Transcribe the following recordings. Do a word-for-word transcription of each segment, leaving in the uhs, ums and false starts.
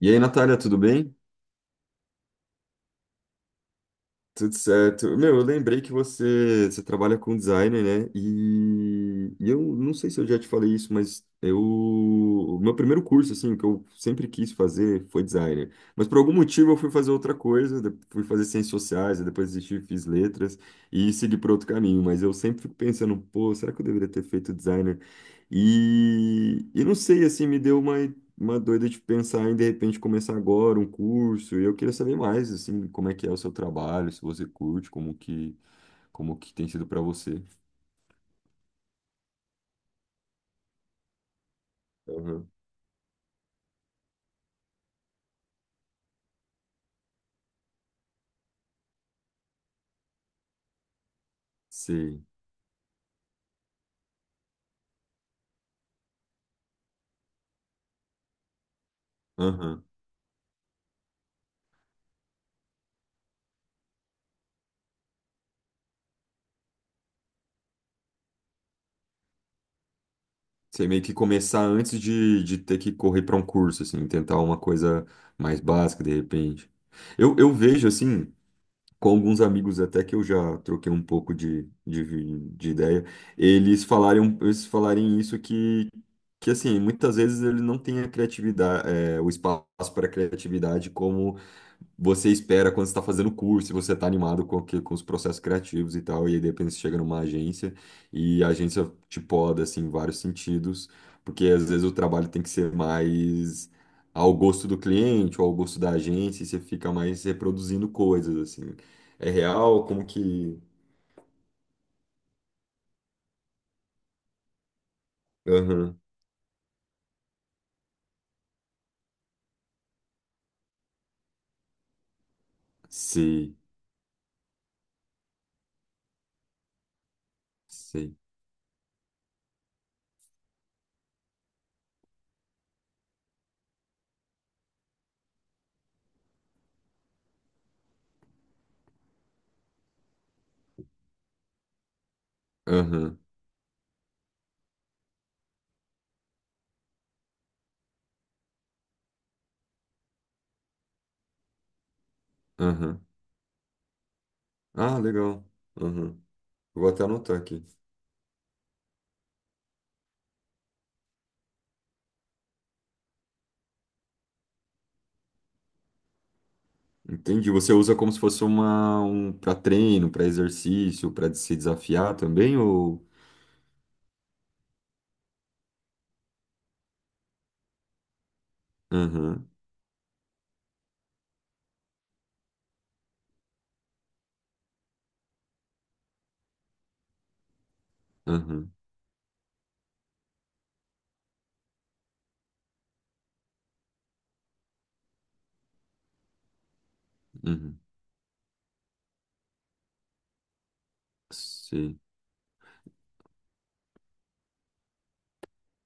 E aí, Natália, tudo bem? Tudo certo. Meu, eu lembrei que você, você trabalha com designer, né? E, e eu não sei se eu já te falei isso, mas eu, o meu primeiro curso, assim, que eu sempre quis fazer foi designer. Mas por algum motivo eu fui fazer outra coisa, de- fui fazer ciências sociais, aí depois desisti, fiz letras e segui por outro caminho. Mas eu sempre fico pensando, pô, será que eu deveria ter feito designer? E, e não sei, assim, me deu uma. Uma doida de pensar em de repente começar agora um curso. E eu queria saber mais, assim, como é que é o seu trabalho, se você curte, como que, como que tem sido para você. Aham. Sei. Aham. Você meio que começar antes de, de ter que correr para um curso, assim, tentar uma coisa mais básica de repente. Eu, eu vejo assim. Com alguns amigos até que eu já troquei um pouco de, de, de ideia, eles falarem, um, eles falarem isso que, que assim, muitas vezes ele não tem a criatividade, é, o espaço para a criatividade como você espera quando você está fazendo curso, e você está animado com, aquele- com os processos criativos e tal, e aí de repente você chega numa agência e a agência te poda, assim, em vários sentidos, porque às vezes o trabalho tem que ser mais ao gosto do cliente ou ao gosto da agência, e você fica mais reproduzindo coisas, assim. É real? Como que. Aham. Sei, sei. Aham, aham. Ah, legal. Aham. Vou até anotar aqui. Entendi. Você usa como se fosse uma, um para treino, para exercício, para se desafiar também, ou? Aham, aham, uhum. Sei.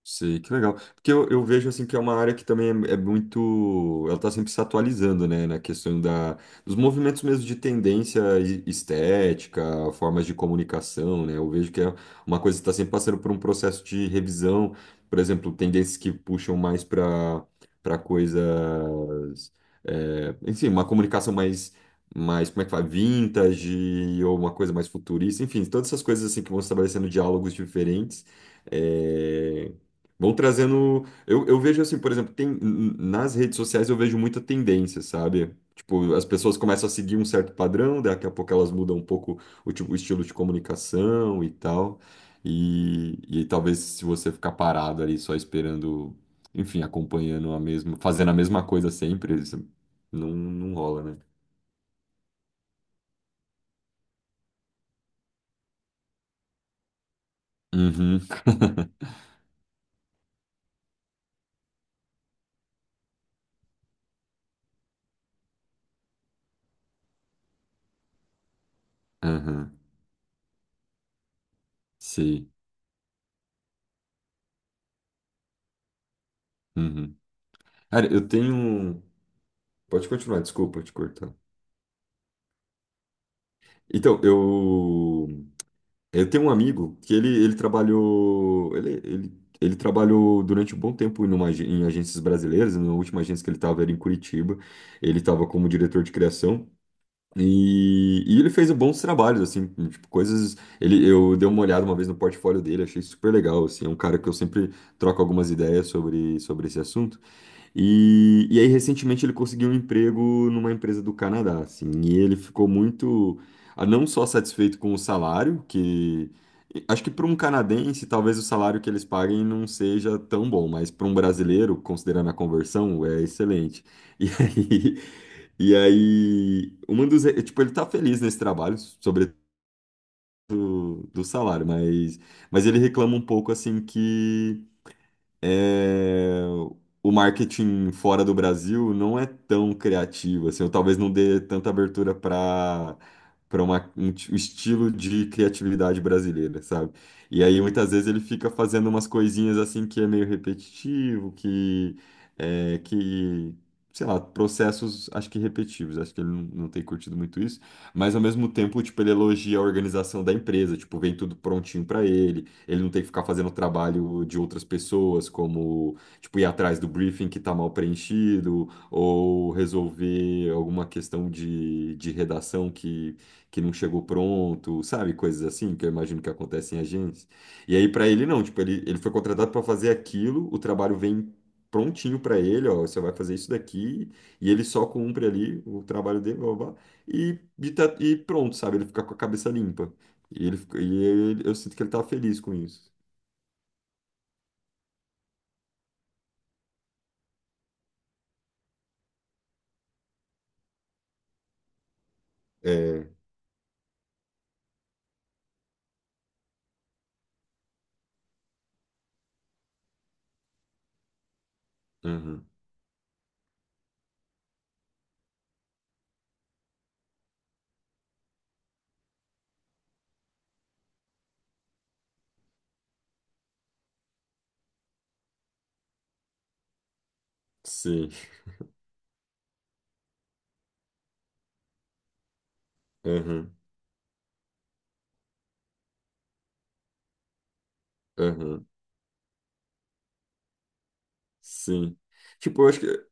Sei, que legal. Porque eu, eu vejo assim que é uma área que também é, é muito. Ela está sempre se atualizando, né? Na questão da, dos movimentos mesmo de tendência e- estética, formas de comunicação, né? Eu vejo que é uma coisa que está sempre passando por um processo de revisão. Por exemplo, tendências que puxam mais para para coisas. É, enfim, uma comunicação mais. Mais como é que fala? Vintage, ou uma coisa mais futurista, enfim, todas essas coisas assim que vão estabelecendo diálogos diferentes. eh, Vão trazendo. Eu, eu vejo assim, por exemplo, tem, n- nas redes sociais eu vejo muita tendência, sabe? Tipo, as pessoas começam a seguir um certo padrão, daqui a pouco elas mudam um pouco o, tipo, o estilo de comunicação e tal. E, e talvez se você ficar parado ali só esperando, enfim, acompanhando a mesma, fazendo a mesma coisa sempre, isso não, não rola, né? Uhum, uhum, sim. Uhum. Cara, eu tenho. Um, pode continuar, desculpa te cortar. Então, eu. Eu tenho um amigo que ele, ele trabalhou. Ele, ele, ele trabalhou durante um bom tempo numa, agen- em agências brasileiras. Na última agência que ele estava era em Curitiba. Ele estava como diretor de criação. E, e ele fez bons trabalhos, assim, tipo, coisas. Ele, eu dei uma olhada uma vez no portfólio dele, achei super legal. Assim, é um cara que eu sempre troco algumas ideias sobre, sobre esse assunto. E, e aí, recentemente, ele conseguiu um emprego numa empresa do Canadá, assim, e ele ficou muito, ah, não só satisfeito com o salário, que acho que para um canadense, talvez o salário que eles paguem não seja tão bom, mas para um brasileiro, considerando a conversão, é excelente. E aí, e aí, uma dos, tipo, ele tá feliz nesse trabalho, sobretudo do salário, mas, mas ele reclama um pouco, assim, que é, o marketing fora do Brasil não é tão criativo, assim, ou talvez não dê tanta abertura para para um ti- um estilo de criatividade brasileira, sabe? E aí muitas vezes ele fica fazendo umas coisinhas assim que é meio repetitivo, que é, que sei lá, processos acho que repetitivos, acho que ele não, não tem curtido muito isso, mas ao mesmo tempo, tipo, ele elogia a organização da empresa, tipo, vem tudo prontinho para ele, ele não tem que ficar fazendo trabalho de outras pessoas, como, tipo, ir atrás do briefing que está mal preenchido, ou resolver alguma questão de, de redação que, que não chegou pronto, sabe? Coisas assim que eu imagino que acontecem em agências. E aí, para ele, não, tipo, ele, ele foi contratado para fazer aquilo, o trabalho vem prontinho para ele, ó, você vai fazer isso daqui, e ele só cumpre ali o trabalho dele, blá, blá, blá, e, e tá- e pronto, sabe? Ele fica com a cabeça limpa. E ele, fica- e ele- eu sinto que ele tá feliz com isso. É, aham, sim, aham, aham, sim. Tipo, eu acho que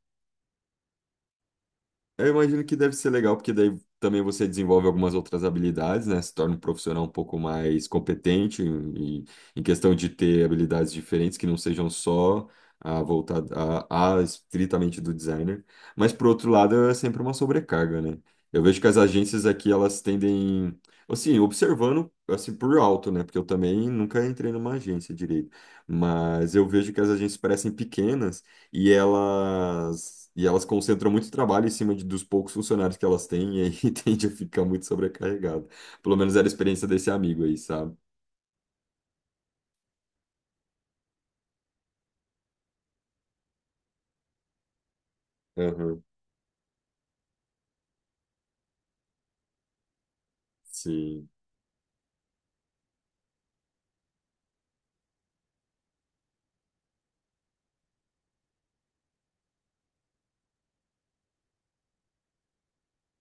eu imagino que deve ser legal, porque daí também você desenvolve algumas outras habilidades, né? Se torna um profissional um pouco mais competente em, em questão de ter habilidades diferentes que não sejam só a voltada a, a estritamente do designer. Mas por outro lado, é sempre uma sobrecarga, né? Eu vejo que as agências aqui elas tendem, assim, observando assim por alto, né? Porque eu também nunca entrei numa agência direito, mas eu vejo que as agências parecem pequenas e elas e elas concentram muito trabalho em cima de, dos poucos funcionários que elas têm e aí tende a ficar muito sobrecarregado. Pelo menos era a experiência desse amigo aí, sabe? Aham. Sim,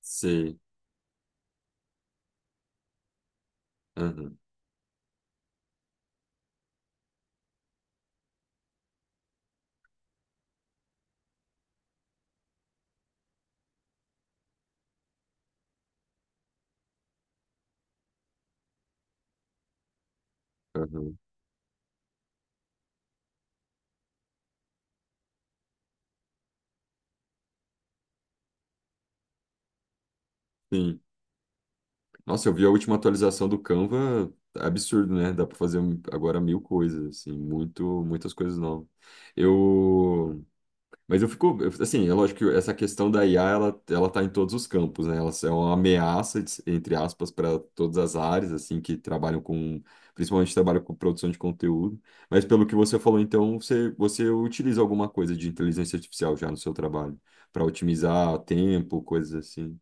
sim. Aham, aham. Sim. Nossa, eu vi a última atualização do Canva, absurdo, né? Dá para fazer um, agora mil coisas, assim, muito, muitas coisas novas. Eu, mas eu fico, eu- assim, é lógico que essa questão da I A, ela, ela tá em todos os campos, né? Ela é uma ameaça, de- entre aspas, para todas as áreas, assim, que trabalham com, principalmente trabalham com produção de conteúdo. Mas pelo que você falou, então, você, você utiliza alguma coisa de inteligência artificial já no seu trabalho, para otimizar tempo, coisas assim.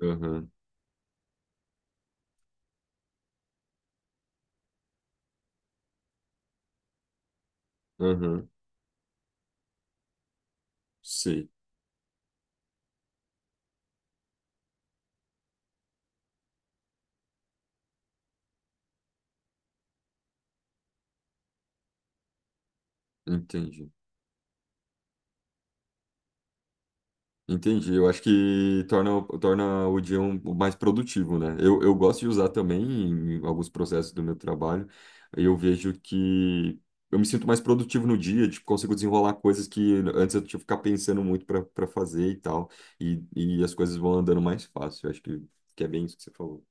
Aham, aham, sei, entendi. Entendi. Eu acho que torna, torna o dia um, mais produtivo, né? Eu, eu gosto de usar também em alguns processos do meu trabalho. Eu vejo que eu me sinto mais produtivo no dia, tipo, consigo desenrolar coisas que antes eu tinha que ficar pensando muito para para fazer e tal. E, e as coisas vão andando mais fácil. Eu acho que, que é bem isso que você falou.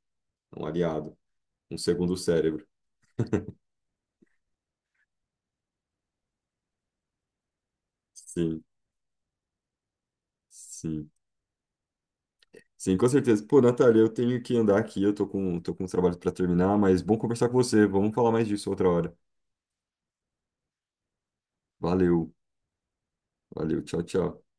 É um aliado, um segundo cérebro. Sim, sim. Sim, com certeza. Pô, Natália, eu tenho que andar aqui, eu tô com, tô com uns trabalhos para terminar, mas bom conversar com você. Vamos falar mais disso outra hora. Valeu, valeu, tchau, tchau.